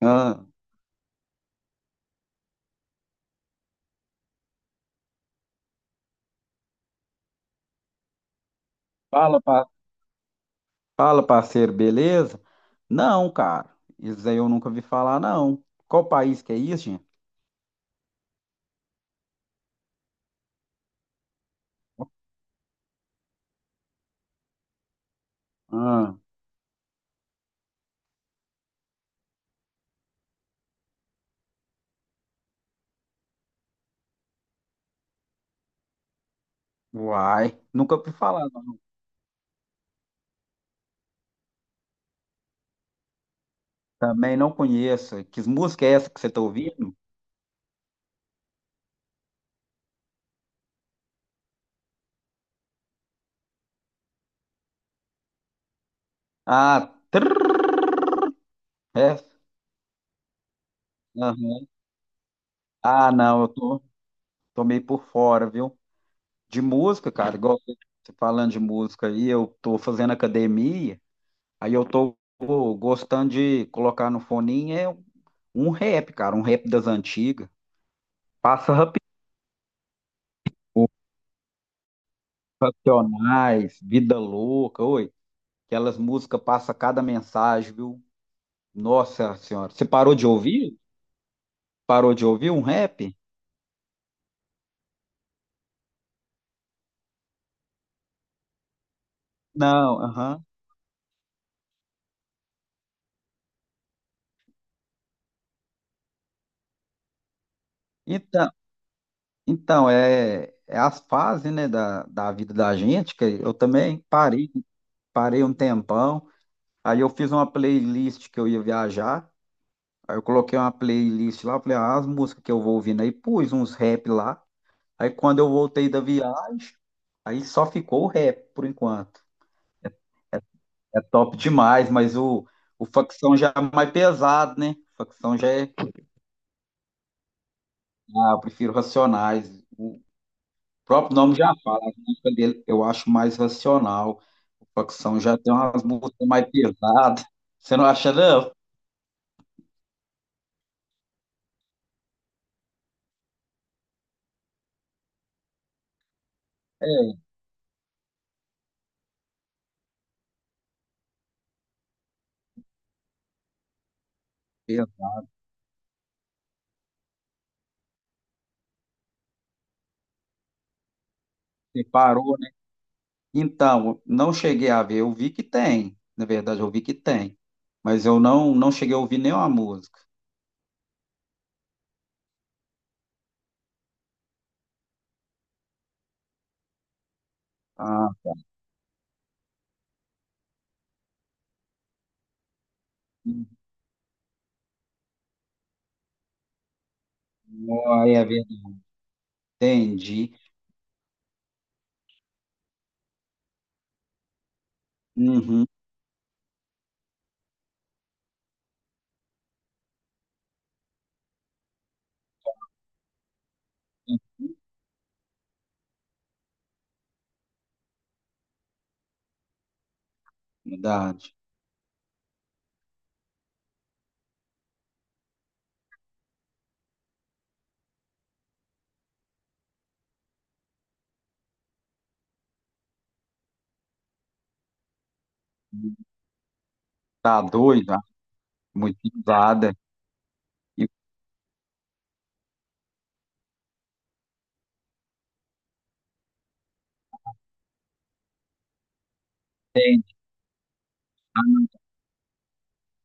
Ah, fala, fala, parceiro, beleza? Não, cara, isso aí eu nunca vi falar, não. Qual país que é isso, gente? Ah, uai, nunca vi falar, não. Também não conheço. Que música é essa que você tá ouvindo? Ah, trrr, essa? Aham. Ah, não, eu tô, tô meio por fora, viu? De música, cara, igual você falando de música aí, eu tô fazendo academia, aí eu tô gostando de colocar no foninho é um rap, cara, um rap das antigas. Passa Rapidinho, Racionais, Vida Louca, oi. Aquelas músicas passa cada mensagem, viu? Nossa Senhora. Você parou de ouvir? Parou de ouvir um rap? Não, aham. Então, então é as fases, né, da vida da gente, que eu também parei, parei um tempão. Aí eu fiz uma playlist que eu ia viajar. Aí eu coloquei uma playlist lá, falei, ah, as músicas que eu vou ouvindo aí, pus uns rap lá. Aí quando eu voltei da viagem, aí só ficou o rap por enquanto. É top demais, mas o facção já é mais pesado, né? Facção já é. Ah, eu prefiro Racionais. O próprio nome já fala, a música dele eu acho mais racional. O facção já tem umas músicas mais pesadas. Você não acha, não? É, pesa, separou, né? Então, não cheguei a ver, eu vi que tem. Na verdade, eu vi que tem. Mas eu não cheguei a ouvir nenhuma música. Ah, aí é verdade. Entendi. Uhum, verdade. Tá doida, muito usada. E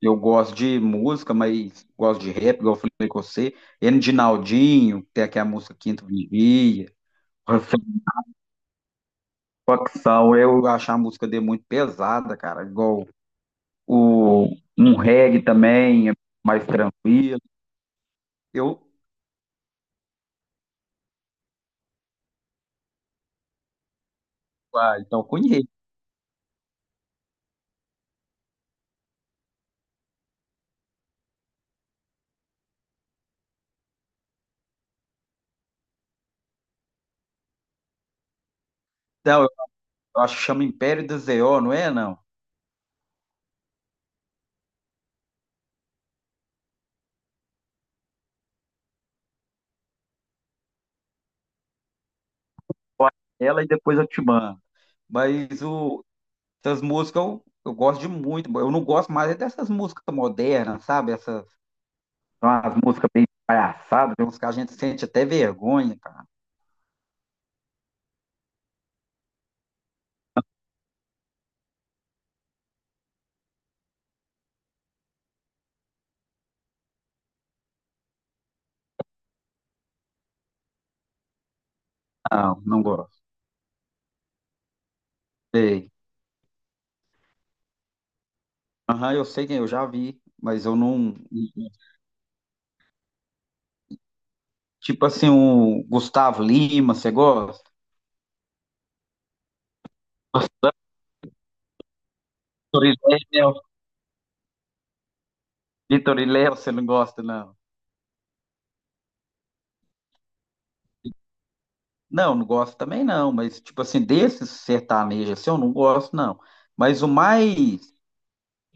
eu gosto de música, mas gosto de rap, igual eu falei com você. N de naldinho tem aqui a música Quinto Vigia. Facção, eu acho a música dele muito pesada, cara. Igual o, um reggae também, é mais tranquilo. Eu, ah, então conheço. Então, eu acho que chama Império do Zéó, não é, não? Ela e depois eu te mando. Mas o, essas músicas eu gosto de muito. Eu não gosto mais é dessas músicas modernas, sabe? Essas são as músicas bem palhaçadas, tem uns que a gente sente até vergonha, cara. Não, não gosto. Sei. Aham, eu sei quem eu já vi, mas eu não. Tipo assim, o Gustavo Lima, você gosta? Vitor e Léo, Vitor e Léo, você não gosta, não? Não, não gosto também não, mas tipo assim, desses sertanejos assim, eu não gosto não. Mas o mais,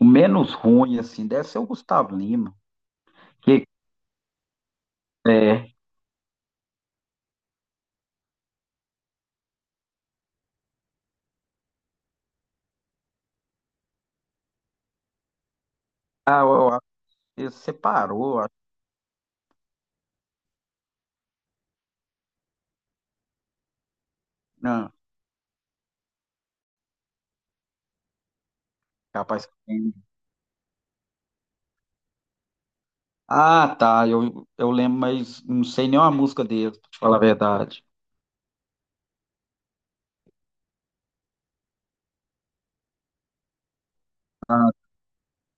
o menos ruim assim, deve ser o Gustavo Lima, que é, eu acho que separou. Não, capaz que tem. Ah, tá. Eu lembro, mas não sei nem uma música deles, pra te falar a verdade.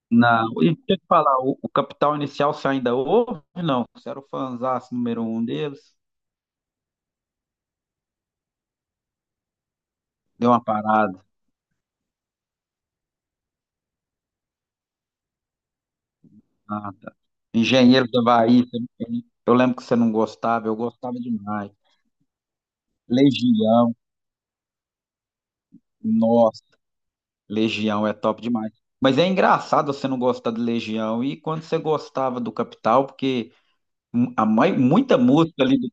Não. E deixa eu te falar, o Capital Inicial você ainda ouve? Não. Você era o fãzaço número um deles? Deu uma parada. Ah, tá. Engenheiro da Havaí, eu lembro que você não gostava, eu gostava demais. Legião, nossa, Legião é top demais. Mas é engraçado você não gostar de Legião. E quando você gostava do Capital, porque. Muita música ali do,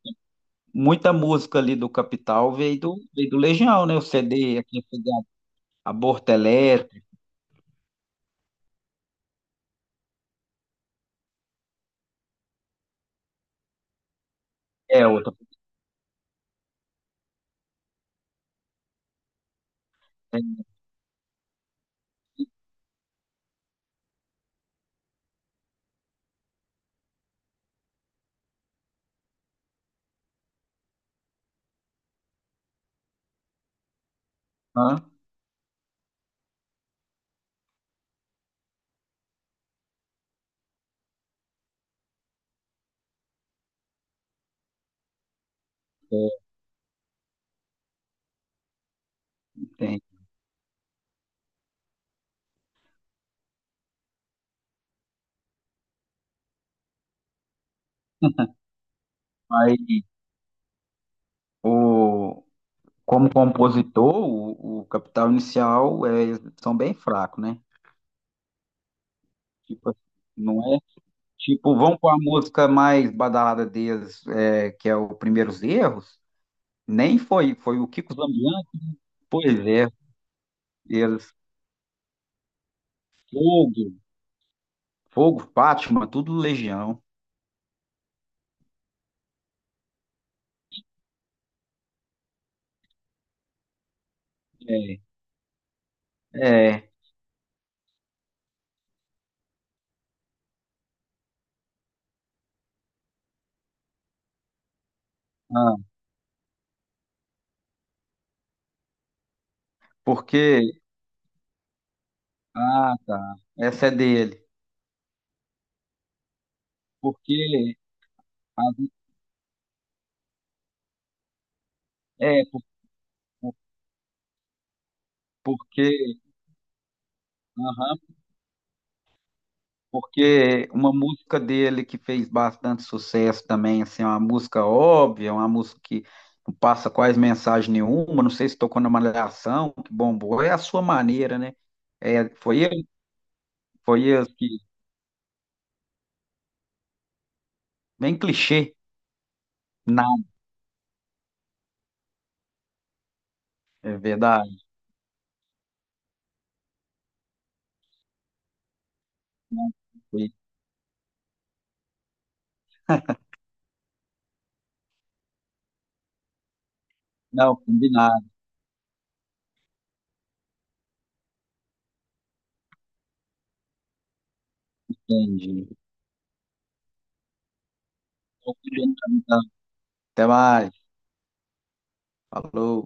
muita música ali do Capital veio do Legião, né? O CD, aquele CD Aborto Elétrico, é outra. Tem, hã? Tem. Mas o, como compositor, o Capital Inicial é, são bem fracos, né? Tipo, assim, não é? Tipo, vão com a música mais badalada deles, é, que é o Primeiros Erros, nem foi, foi o Kiko Zambianchi, pois é, eles, Fogo, Fogo, Fátima, tudo Legião. É, é. Ah, porque. Ah, tá. Essa é dele. Porque. As- É, por- porque. Aham, porque uma música dele que fez bastante sucesso também, assim, é uma música óbvia, é uma música que não passa quase mensagem nenhuma, não sei se tocou na Malhação, que bombou, é a sua maneira, né? É, foi ele que. Bem clichê, nada, é verdade. Não, foi- não, combinado, entendi. Até mais. Falou.